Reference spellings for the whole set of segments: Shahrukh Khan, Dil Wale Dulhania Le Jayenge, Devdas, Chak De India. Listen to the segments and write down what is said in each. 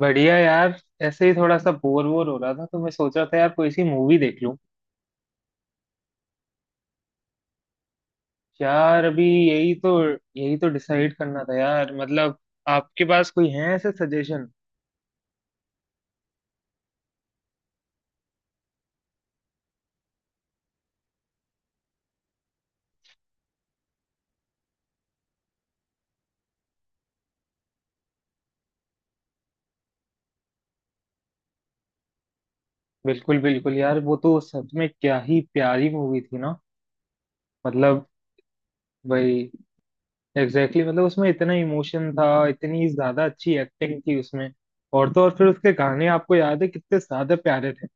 बढ़िया यार। ऐसे ही थोड़ा सा बोर वोर हो रहा था तो मैं सोच रहा था यार कोई सी मूवी देख लूं। यार अभी यही तो डिसाइड करना था यार मतलब। आपके पास कोई है ऐसे सजेशन? बिल्कुल बिल्कुल यार वो तो सच में क्या ही प्यारी मूवी थी ना। मतलब भाई एग्जैक्टली मतलब उसमें इतना इमोशन था इतनी ज्यादा अच्छी एक्टिंग थी उसमें। और तो और फिर उसके गाने आपको याद है कितने ज्यादा प्यारे थे।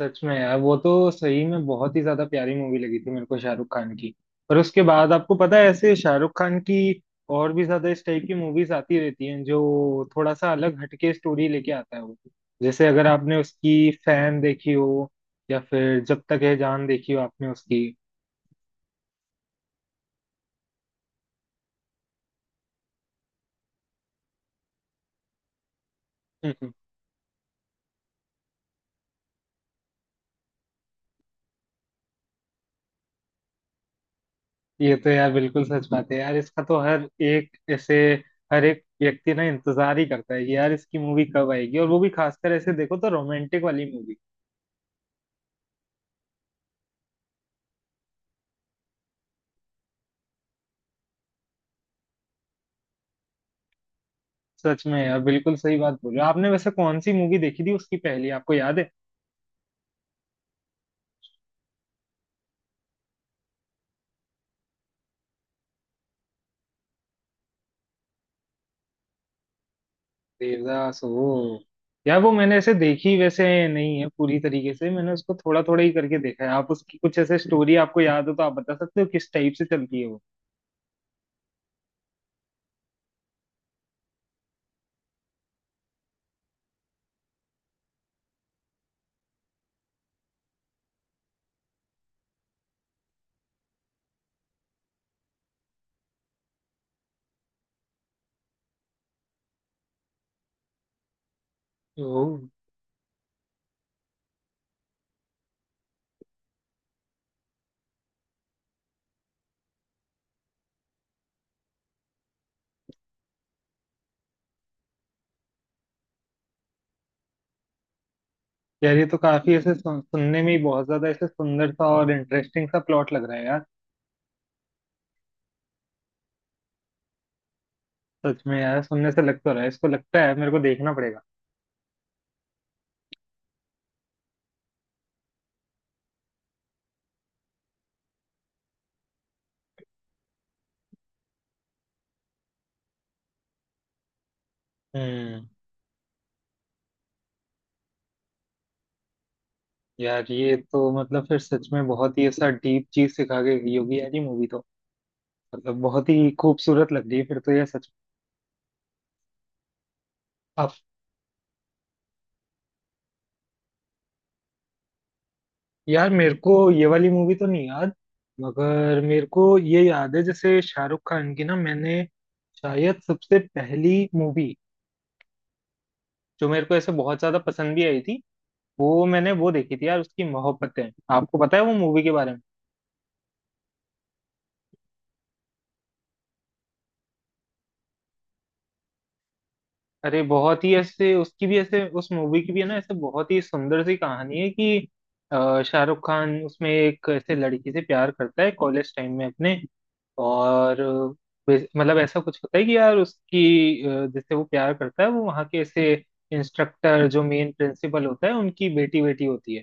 सच में यार वो तो सही में बहुत ही ज्यादा प्यारी मूवी लगी थी मेरे को शाहरुख खान की। पर उसके बाद आपको पता है ऐसे शाहरुख खान की और भी ज्यादा इस टाइप की मूवीज आती रहती हैं जो थोड़ा सा अलग हटके स्टोरी लेके आता है वो। जैसे अगर आपने उसकी फैन देखी हो या फिर जब तक है जान देखी हो आपने उसकी। हम्म। ये तो यार बिल्कुल सच बात है यार। इसका तो हर एक ऐसे हर एक व्यक्ति ना इंतजार ही करता है कि यार इसकी मूवी कब आएगी और वो भी खासकर ऐसे देखो तो रोमांटिक वाली मूवी। सच में यार बिल्कुल सही बात बोल रहे हो आपने। वैसे कौन सी मूवी देखी थी उसकी पहली आपको याद है? देवदास वो। यार वो मैंने ऐसे देखी वैसे नहीं है पूरी तरीके से। मैंने उसको थोड़ा थोड़ा ही करके देखा है। आप उसकी कुछ ऐसे स्टोरी आपको याद हो तो आप बता सकते हो किस टाइप से चलती है वो। ओ। यार ये तो काफी ऐसे सुनने में ही बहुत ज्यादा ऐसे सुंदर सा और इंटरेस्टिंग सा प्लॉट लग रहा है यार। सच में यार सुनने से लग तो रहा है इसको लगता है मेरे को देखना पड़ेगा। हम्म। यार ये तो मतलब फिर सच में बहुत ही ऐसा डीप चीज सिखा के गई होगी यार ये मूवी तो। मतलब बहुत ही खूबसूरत लग रही है फिर तो ये सच। आप। यार मेरे को ये वाली मूवी तो नहीं याद। मगर मेरे को ये याद है जैसे शाहरुख खान की ना मैंने शायद सबसे पहली मूवी जो मेरे को ऐसे बहुत ज्यादा पसंद भी आई थी वो मैंने वो देखी थी यार उसकी मोहब्बतें। आपको पता है वो मूवी के बारे में? अरे बहुत ही ऐसे उसकी भी ऐसे उस मूवी की भी है ना ऐसे बहुत ही सुंदर सी कहानी है कि शाहरुख खान उसमें एक ऐसे लड़की से प्यार करता है कॉलेज टाइम में अपने। और मतलब ऐसा कुछ होता है कि यार उसकी जिससे वो प्यार करता है वो वहाँ के ऐसे इंस्ट्रक्टर जो मेन प्रिंसिपल होता है उनकी बेटी बेटी होती है।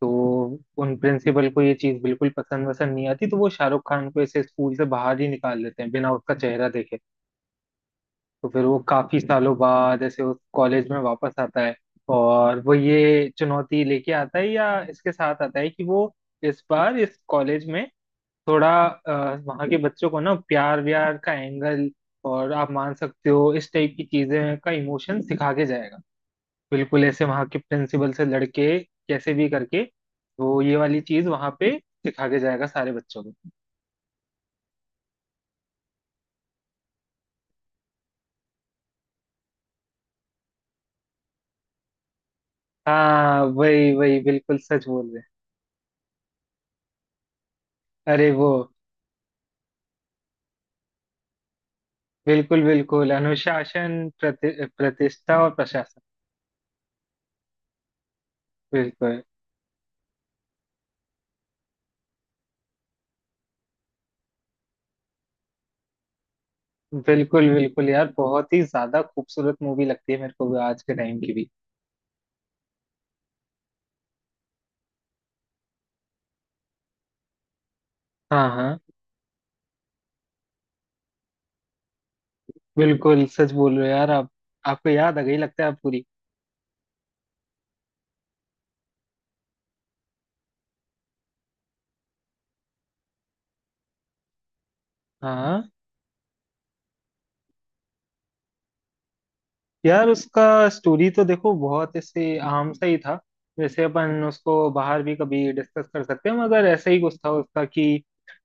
तो उन प्रिंसिपल को ये चीज़ बिल्कुल पसंद वसंद नहीं आती तो वो शाहरुख खान को ऐसे स्कूल से बाहर ही निकाल देते हैं बिना उसका चेहरा देखे। तो फिर वो काफी सालों बाद ऐसे उस कॉलेज में वापस आता है और वो ये चुनौती लेके आता है या इसके साथ आता है कि वो इस बार इस कॉलेज में थोड़ा वहाँ के बच्चों को ना प्यार व्यार का एंगल और आप मान सकते हो इस टाइप की चीजें का इमोशन सिखा के जाएगा। बिल्कुल ऐसे वहाँ के प्रिंसिपल से लड़के कैसे भी करके वो ये वाली चीज वहाँ पे सिखा के जाएगा सारे बच्चों को। हाँ वही वही बिल्कुल सच बोल रहे हैं। अरे वो बिल्कुल बिल्कुल अनुशासन प्रतिष्ठा और प्रशासन। बिल्कुल। बिल्कुल बिल्कुल यार बहुत ही ज्यादा खूबसूरत मूवी लगती है मेरे को भी आज के टाइम की भी। हाँ हाँ बिल्कुल सच बोल रहे हो यार आप। आपको याद आ गई लगता है आप पूरी। हाँ हाँ। यार उसका स्टोरी तो देखो बहुत ऐसे आम सा ही था। वैसे अपन उसको बाहर भी कभी डिस्कस कर सकते हैं मगर ऐसा ही कुछ था उसका कि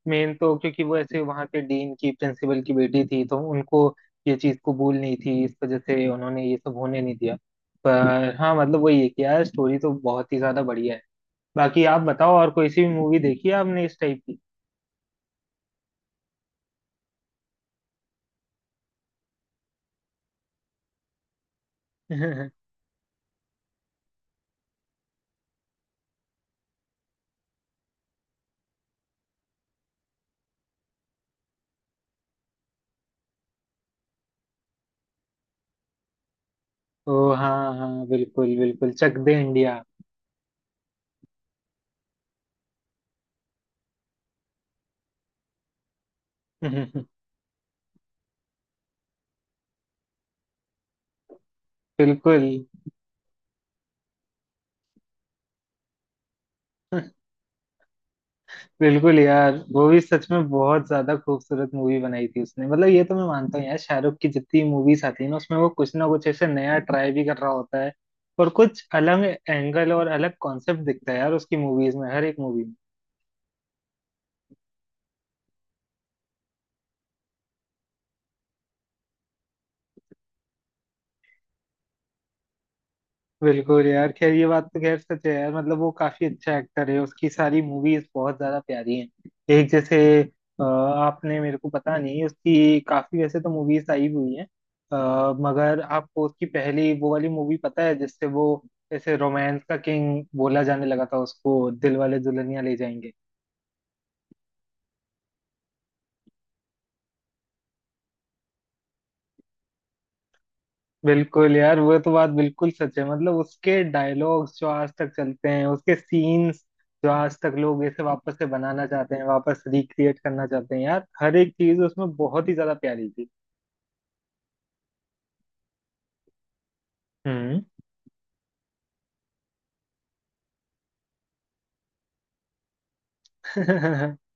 मेन तो क्योंकि वो ऐसे वहाँ के डीन की प्रिंसिपल की बेटी थी तो उनको ये चीज़ कबूल नहीं थी इस वजह से उन्होंने ये सब होने नहीं दिया। पर हाँ मतलब वही है कि यार स्टोरी तो बहुत ही ज्यादा बढ़िया है। बाकी आप बताओ और कोई सी भी मूवी देखी है आपने इस टाइप की? ओ हाँ हाँ बिल्कुल बिल्कुल चक दे इंडिया। बिल्कुल बिल्कुल यार वो भी सच में बहुत ज्यादा खूबसूरत मूवी बनाई थी उसने। मतलब ये तो मैं मानता हूँ यार शाहरुख की जितनी मूवीज आती है ना उसमें वो कुछ ना कुछ ऐसे नया ट्राई भी कर रहा होता है। और कुछ अलग एंगल और अलग कॉन्सेप्ट दिखता है यार उसकी मूवीज में हर एक मूवी। बिल्कुल यार खैर ये बात तो खैर सच है यार मतलब वो काफी अच्छा एक्टर है उसकी सारी मूवीज बहुत ज्यादा प्यारी हैं। एक जैसे आपने मेरे को पता नहीं उसकी काफी वैसे तो मूवीज आई हुई हैं। मगर आपको उसकी पहली वो वाली मूवी पता है जिससे वो ऐसे रोमांस का किंग बोला जाने लगा था उसको दिल वाले दुल्हनिया ले जाएंगे। बिल्कुल यार वो तो बात बिल्कुल सच है मतलब उसके डायलॉग्स जो आज तक चलते हैं उसके सीन्स जो आज तक लोग इसे वापस से बनाना चाहते हैं वापस रिक्रिएट करना चाहते हैं यार हर एक चीज उसमें बहुत ही ज्यादा प्यारी थी। हम्म।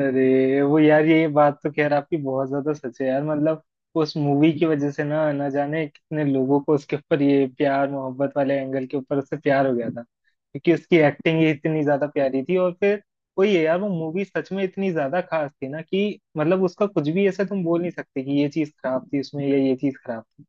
अरे वो यार ये बात तो खैर आपकी बहुत ज्यादा सच है यार मतलब उस मूवी की वजह से ना ना जाने कितने लोगों को उसके ऊपर ये प्यार मोहब्बत वाले एंगल के ऊपर उससे प्यार हो गया था क्योंकि उसकी एक्टिंग ही इतनी ज्यादा प्यारी थी और फिर वही है यार वो मूवी सच में इतनी ज्यादा खास थी ना कि मतलब उसका कुछ भी ऐसा तुम बोल नहीं सकते कि ये चीज खराब थी उसमें या ये चीज खराब थी।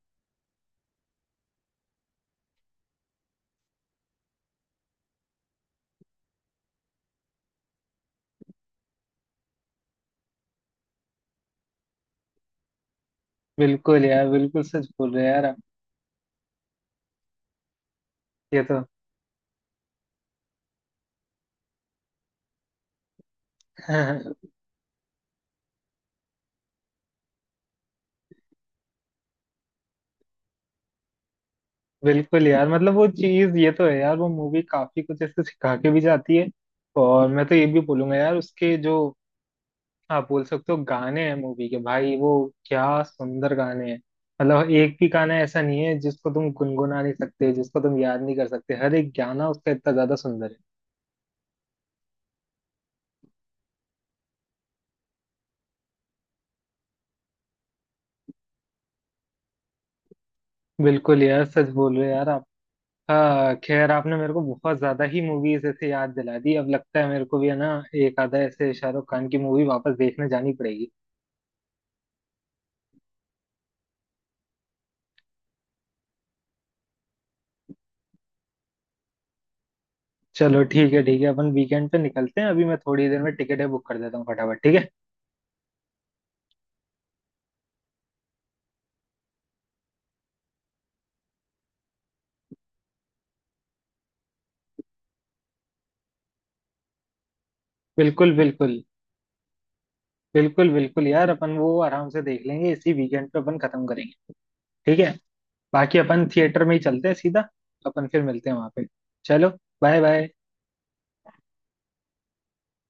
बिल्कुल यार बिल्कुल सच बोल रहे हैं यार आप। ये तो बिल्कुल यार मतलब वो चीज ये तो है यार वो मूवी काफी कुछ ऐसे सिखा के भी जाती है। और मैं तो ये भी बोलूंगा यार उसके जो आप बोल सकते हो गाने हैं मूवी के भाई वो क्या सुंदर गाने हैं। मतलब एक भी गाना ऐसा नहीं है जिसको तुम गुनगुना नहीं सकते जिसको तुम याद नहीं कर सकते हर एक गाना उसका इतना ज्यादा सुंदर है। बिल्कुल यार सच बोल रहे हो यार आप। हाँ खैर आपने मेरे को बहुत ज्यादा ही मूवीज ऐसे याद दिला दी अब लगता है मेरे को भी है ना एक आधा ऐसे शाहरुख खान की मूवी वापस देखने जानी पड़ेगी। चलो ठीक है अपन वीकेंड पे निकलते हैं अभी मैं थोड़ी देर में टिकटें बुक कर देता हूँ फटाफट ठीक है। बिल्कुल बिल्कुल बिल्कुल बिल्कुल यार अपन वो आराम से देख लेंगे इसी वीकेंड पे अपन खत्म करेंगे। ठीक है। बाकी अपन थिएटर में ही चलते हैं सीधा। अपन फिर मिलते हैं वहां पे। चलो बाय बाय।